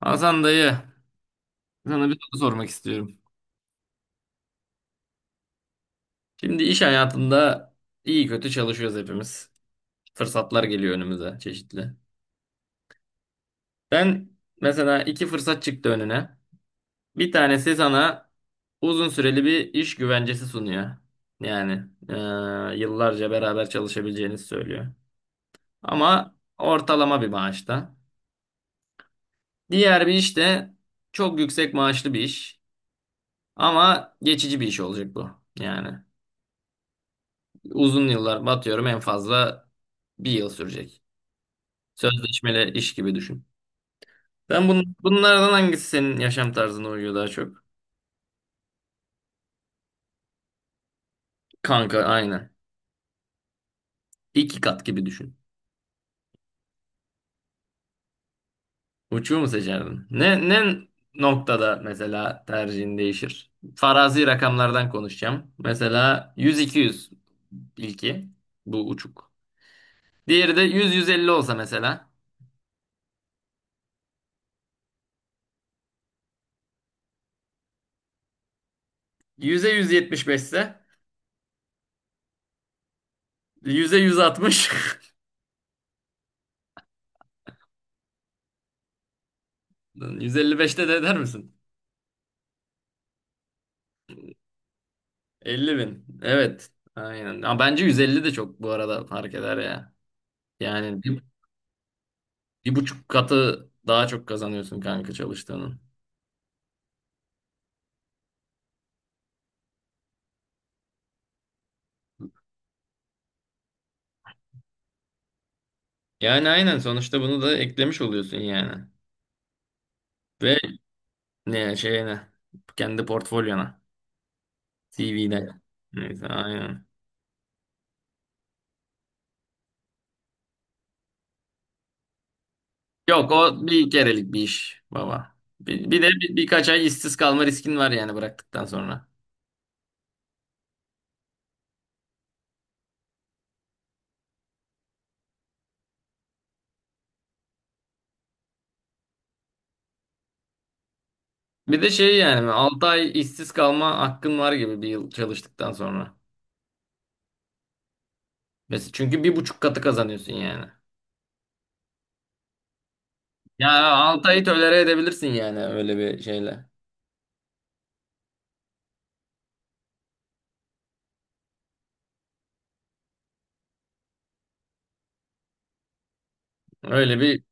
Hasan dayı, sana bir soru sormak istiyorum. Şimdi iş hayatında iyi kötü çalışıyoruz hepimiz. Fırsatlar geliyor önümüze çeşitli. Ben mesela iki fırsat çıktı önüne. Bir tanesi sana uzun süreli bir iş güvencesi sunuyor. Yani yıllarca beraber çalışabileceğinizi söylüyor. Ama ortalama bir maaşta. Diğer bir iş de çok yüksek maaşlı bir iş. Ama geçici bir iş olacak bu. Yani. Uzun yıllar batıyorum en fazla bir yıl sürecek. Sözleşmeli iş gibi düşün. Ben bunlardan hangisi senin yaşam tarzına uyuyor daha çok? Kanka aynen. İki kat gibi düşün. Uçuyor mu seçerdin? Ne noktada mesela tercihin değişir? Farazi rakamlardan konuşacağım. Mesela 100-200 ilki. Bu uçuk. Diğeri de 100-150 olsa mesela. 100'e 175 ise 100'e 160. 155'te de eder misin? 50 bin. Evet. Aynen. Ama bence 150 de çok bu arada fark eder ya. Yani bir buçuk katı daha çok kazanıyorsun kanka çalıştığının. Yani aynen sonuçta bunu da eklemiş oluyorsun yani. Ve ne şeyine kendi portfolyona CV'ne. Neyse aynen. Yok o bir kerelik bir iş baba. Bir de birkaç ay işsiz kalma riskin var yani bıraktıktan sonra. Bir de şey yani 6 ay işsiz kalma hakkın var gibi bir yıl çalıştıktan sonra. Mesela çünkü bir buçuk katı kazanıyorsun yani. Ya Altay'ı tolere edebilirsin yani öyle bir şeyle. Öyle bir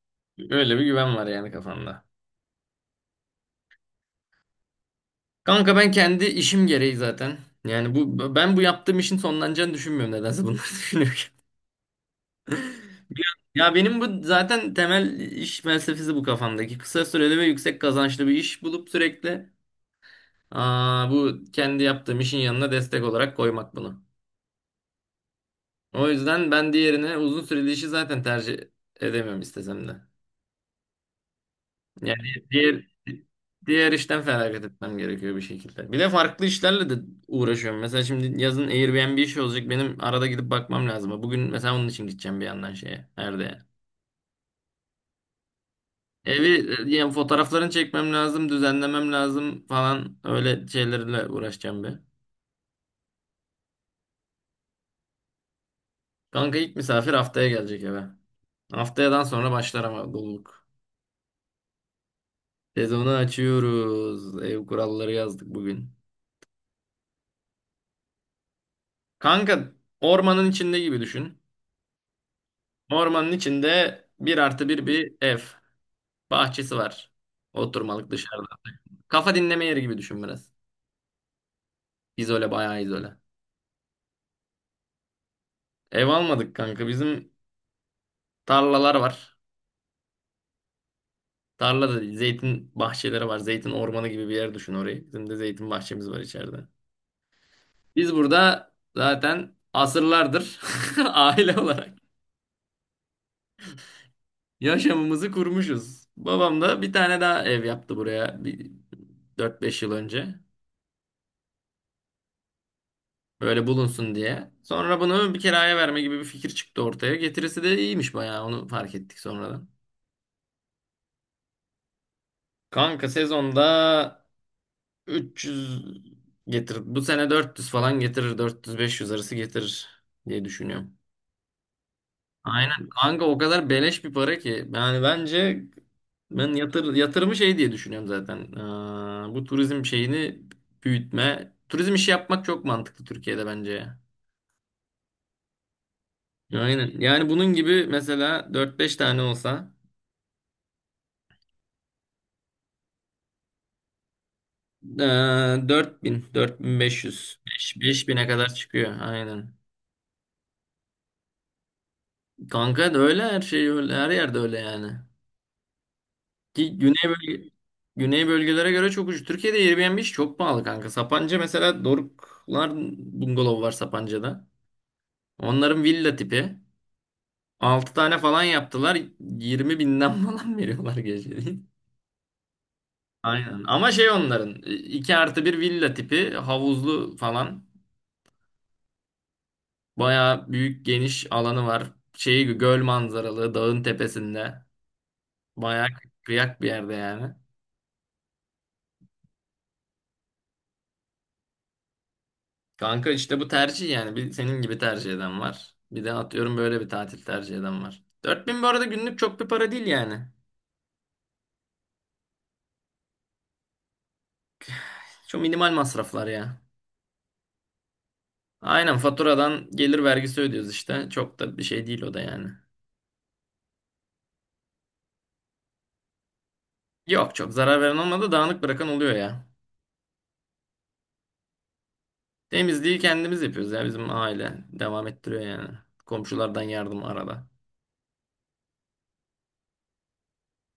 öyle bir güven var yani kafanda. Kanka ben kendi işim gereği zaten. Yani bu ben bu yaptığım işin sonlanacağını düşünmüyorum nedense bunları düşünürken. Ya benim bu zaten temel iş felsefesi bu kafamdaki. Kısa süreli ve yüksek kazançlı bir iş bulup sürekli bu kendi yaptığım işin yanına destek olarak koymak bunu. O yüzden ben diğerine uzun süreli işi zaten tercih edemem istesem de. Yani diğer diğer işten feragat etmem gerekiyor bir şekilde. Bir de farklı işlerle de uğraşıyorum. Mesela şimdi yazın Airbnb işi olacak. Benim arada gidip bakmam lazım. Bugün mesela onun için gideceğim bir yandan şeye. Nerede? Evi yani fotoğraflarını çekmem lazım, düzenlemem lazım falan öyle şeylerle uğraşacağım bir. Kanka ilk misafir haftaya gelecek eve. Haftayadan sonra başlar ama doluluk. Sezonu açıyoruz. Ev kuralları yazdık bugün. Kanka ormanın içinde gibi düşün. Ormanın içinde bir artı bir bir ev. Bahçesi var. Oturmalık dışarıda. Kafa dinleme yeri gibi düşün biraz. İzole bayağı izole. Ev almadık kanka. Bizim tarlalar var. Tarlada zeytin bahçeleri var. Zeytin ormanı gibi bir yer düşün orayı. Bizim de zeytin bahçemiz var içeride. Biz burada zaten asırlardır aile olarak yaşamımızı kurmuşuz. Babam da bir tane daha ev yaptı buraya bir 4-5 yıl önce. Böyle bulunsun diye. Sonra bunu bir kiraya verme gibi bir fikir çıktı ortaya. Getirisi de iyiymiş bayağı onu fark ettik sonradan. Kanka sezonda 300 getirir. Bu sene 400 falan getirir. 400-500 arası getirir diye düşünüyorum. Aynen kanka o kadar beleş bir para ki. Yani bence ben yatırımı şey diye düşünüyorum zaten. Bu turizm şeyini büyütme. Turizm işi yapmak çok mantıklı Türkiye'de bence ya. Aynen. Yani bunun gibi mesela 4-5 tane olsa Ee, 4000, 4500, 5 bin'e kadar çıkıyor aynen. Kanka da öyle her şey öyle her yerde öyle yani. Ki güney bölgelere göre çok ucuz. Türkiye'de Airbnb iş çok pahalı kanka. Sapanca mesela Doruklar bungalov var Sapanca'da. Onların villa tipi. 6 tane falan yaptılar. 20 binden falan veriyorlar geceliğin. Aynen. Ama şey onların 2 artı bir villa tipi havuzlu falan. Bayağı büyük geniş alanı var. Şeyi göl manzaralı dağın tepesinde. Bayağı kıyak bir yerde yani. Kanka işte bu tercih yani. Bir senin gibi tercih eden var. Bir de atıyorum böyle bir tatil tercih eden var. Dört bin bu arada günlük çok bir para değil yani. Çok minimal masraflar ya. Aynen faturadan gelir vergisi ödüyoruz işte. Çok da bir şey değil o da yani. Yok çok zarar veren olmadı, dağınık bırakan oluyor ya. Temizliği kendimiz yapıyoruz ya, bizim aile. Devam ettiriyor yani. Komşulardan yardım arada.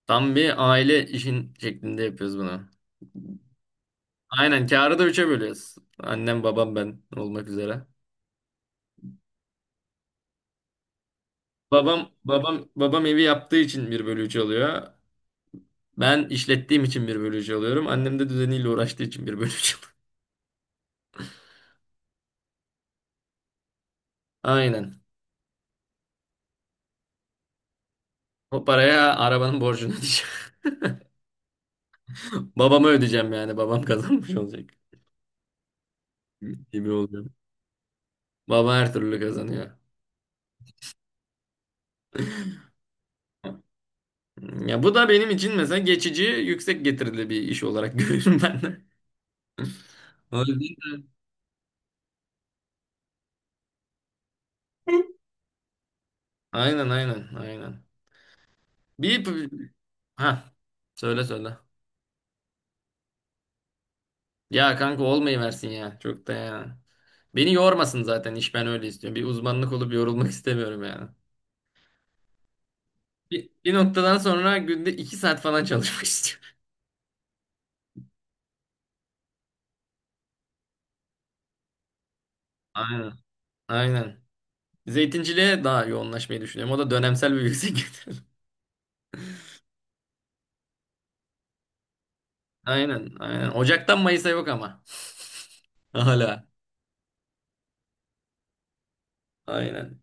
Tam bir aile işin şeklinde yapıyoruz bunu. Aynen kârı da üçe bölüyoruz. Annem, babam, ben olmak üzere. Babam evi yaptığı için bir bölü üç oluyor. Ben işlettiğim için bir bölü üç alıyorum. Annem de düzeniyle uğraştığı için bir bölü üç alıyor. Aynen. O paraya arabanın borcunu ödeyeceğim. Babama ödeyeceğim yani. Babam kazanmış olacak gibi oluyor. Baba her türlü kazanıyor. Ya bu da benim için mesela geçici yüksek getirili bir iş olarak görüyorum ben de. O yüzden de. Aynen, aynen, aynen. Bir, ha, söyle söyle. Ya kanka olmayı versin ya. Çok da ya. Beni yormasın zaten iş, ben öyle istiyorum. Bir uzmanlık olup yorulmak istemiyorum yani. Bir noktadan sonra günde iki saat falan çalışmak istiyorum. Aynen. Aynen. Zeytinciliğe daha yoğunlaşmayı düşünüyorum. O da dönemsel bir yüksek gelir. Aynen. Aynen. Ocaktan Mayıs'a yok ama. Hala. Aynen.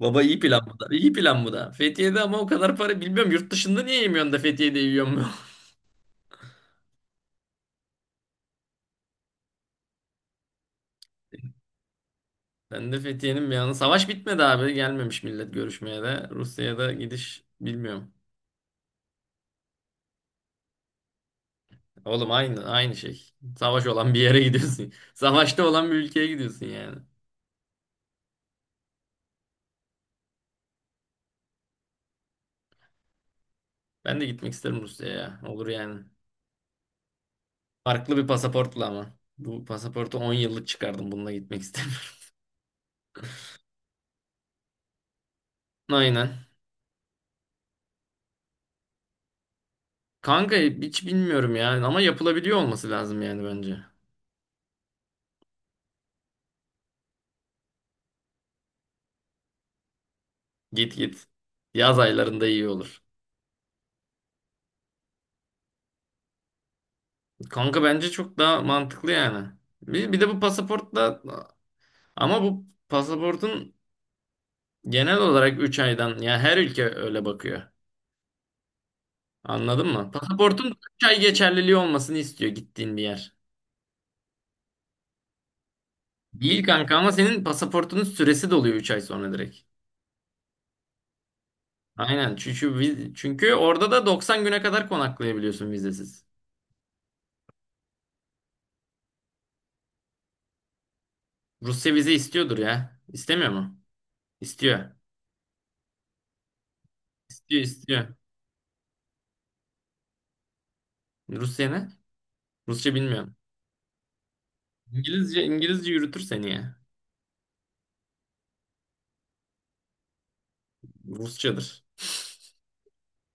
Baba iyi plan bu da. İyi plan bu da. Fethiye'de ama o kadar para bilmiyorum. Yurt dışında niye yemiyorsun da Fethiye'de yiyor mu? Ben de Fethiye'nin bir yanı. Savaş bitmedi abi. Gelmemiş millet görüşmeye de. Rusya'da gidiş bilmiyorum. Oğlum aynı şey. Savaş olan bir yere gidiyorsun. Savaşta olan bir ülkeye gidiyorsun yani. Ben de gitmek isterim Rusya'ya. Olur yani. Farklı bir pasaportla ama. Bu pasaportu 10 yıllık çıkardım. Bununla gitmek istemiyorum. Aynen. Kanka hiç bilmiyorum yani ama yapılabiliyor olması lazım yani bence. Git git. Yaz aylarında iyi olur. Kanka bence çok daha mantıklı yani. Bir de bu pasaportla, ama bu pasaportun genel olarak 3 aydan ya, her ülke öyle bakıyor. Anladın mı? Pasaportun 3 ay geçerliliği olmasını istiyor gittiğin bir yer. Değil kanka, ama senin pasaportunun süresi doluyor 3 ay sonra direkt. Aynen çünkü orada da 90 güne kadar konaklayabiliyorsun vizesiz. Rusya vize istiyordur ya. İstemiyor mu? İstiyor. İstiyor, istiyor. Rusya ne? Rusça bilmiyorum. İngilizce yürütür seni ya. Rusçadır.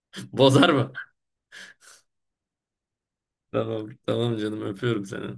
Bozar mı? Tamam, tamam canım, öpüyorum seni.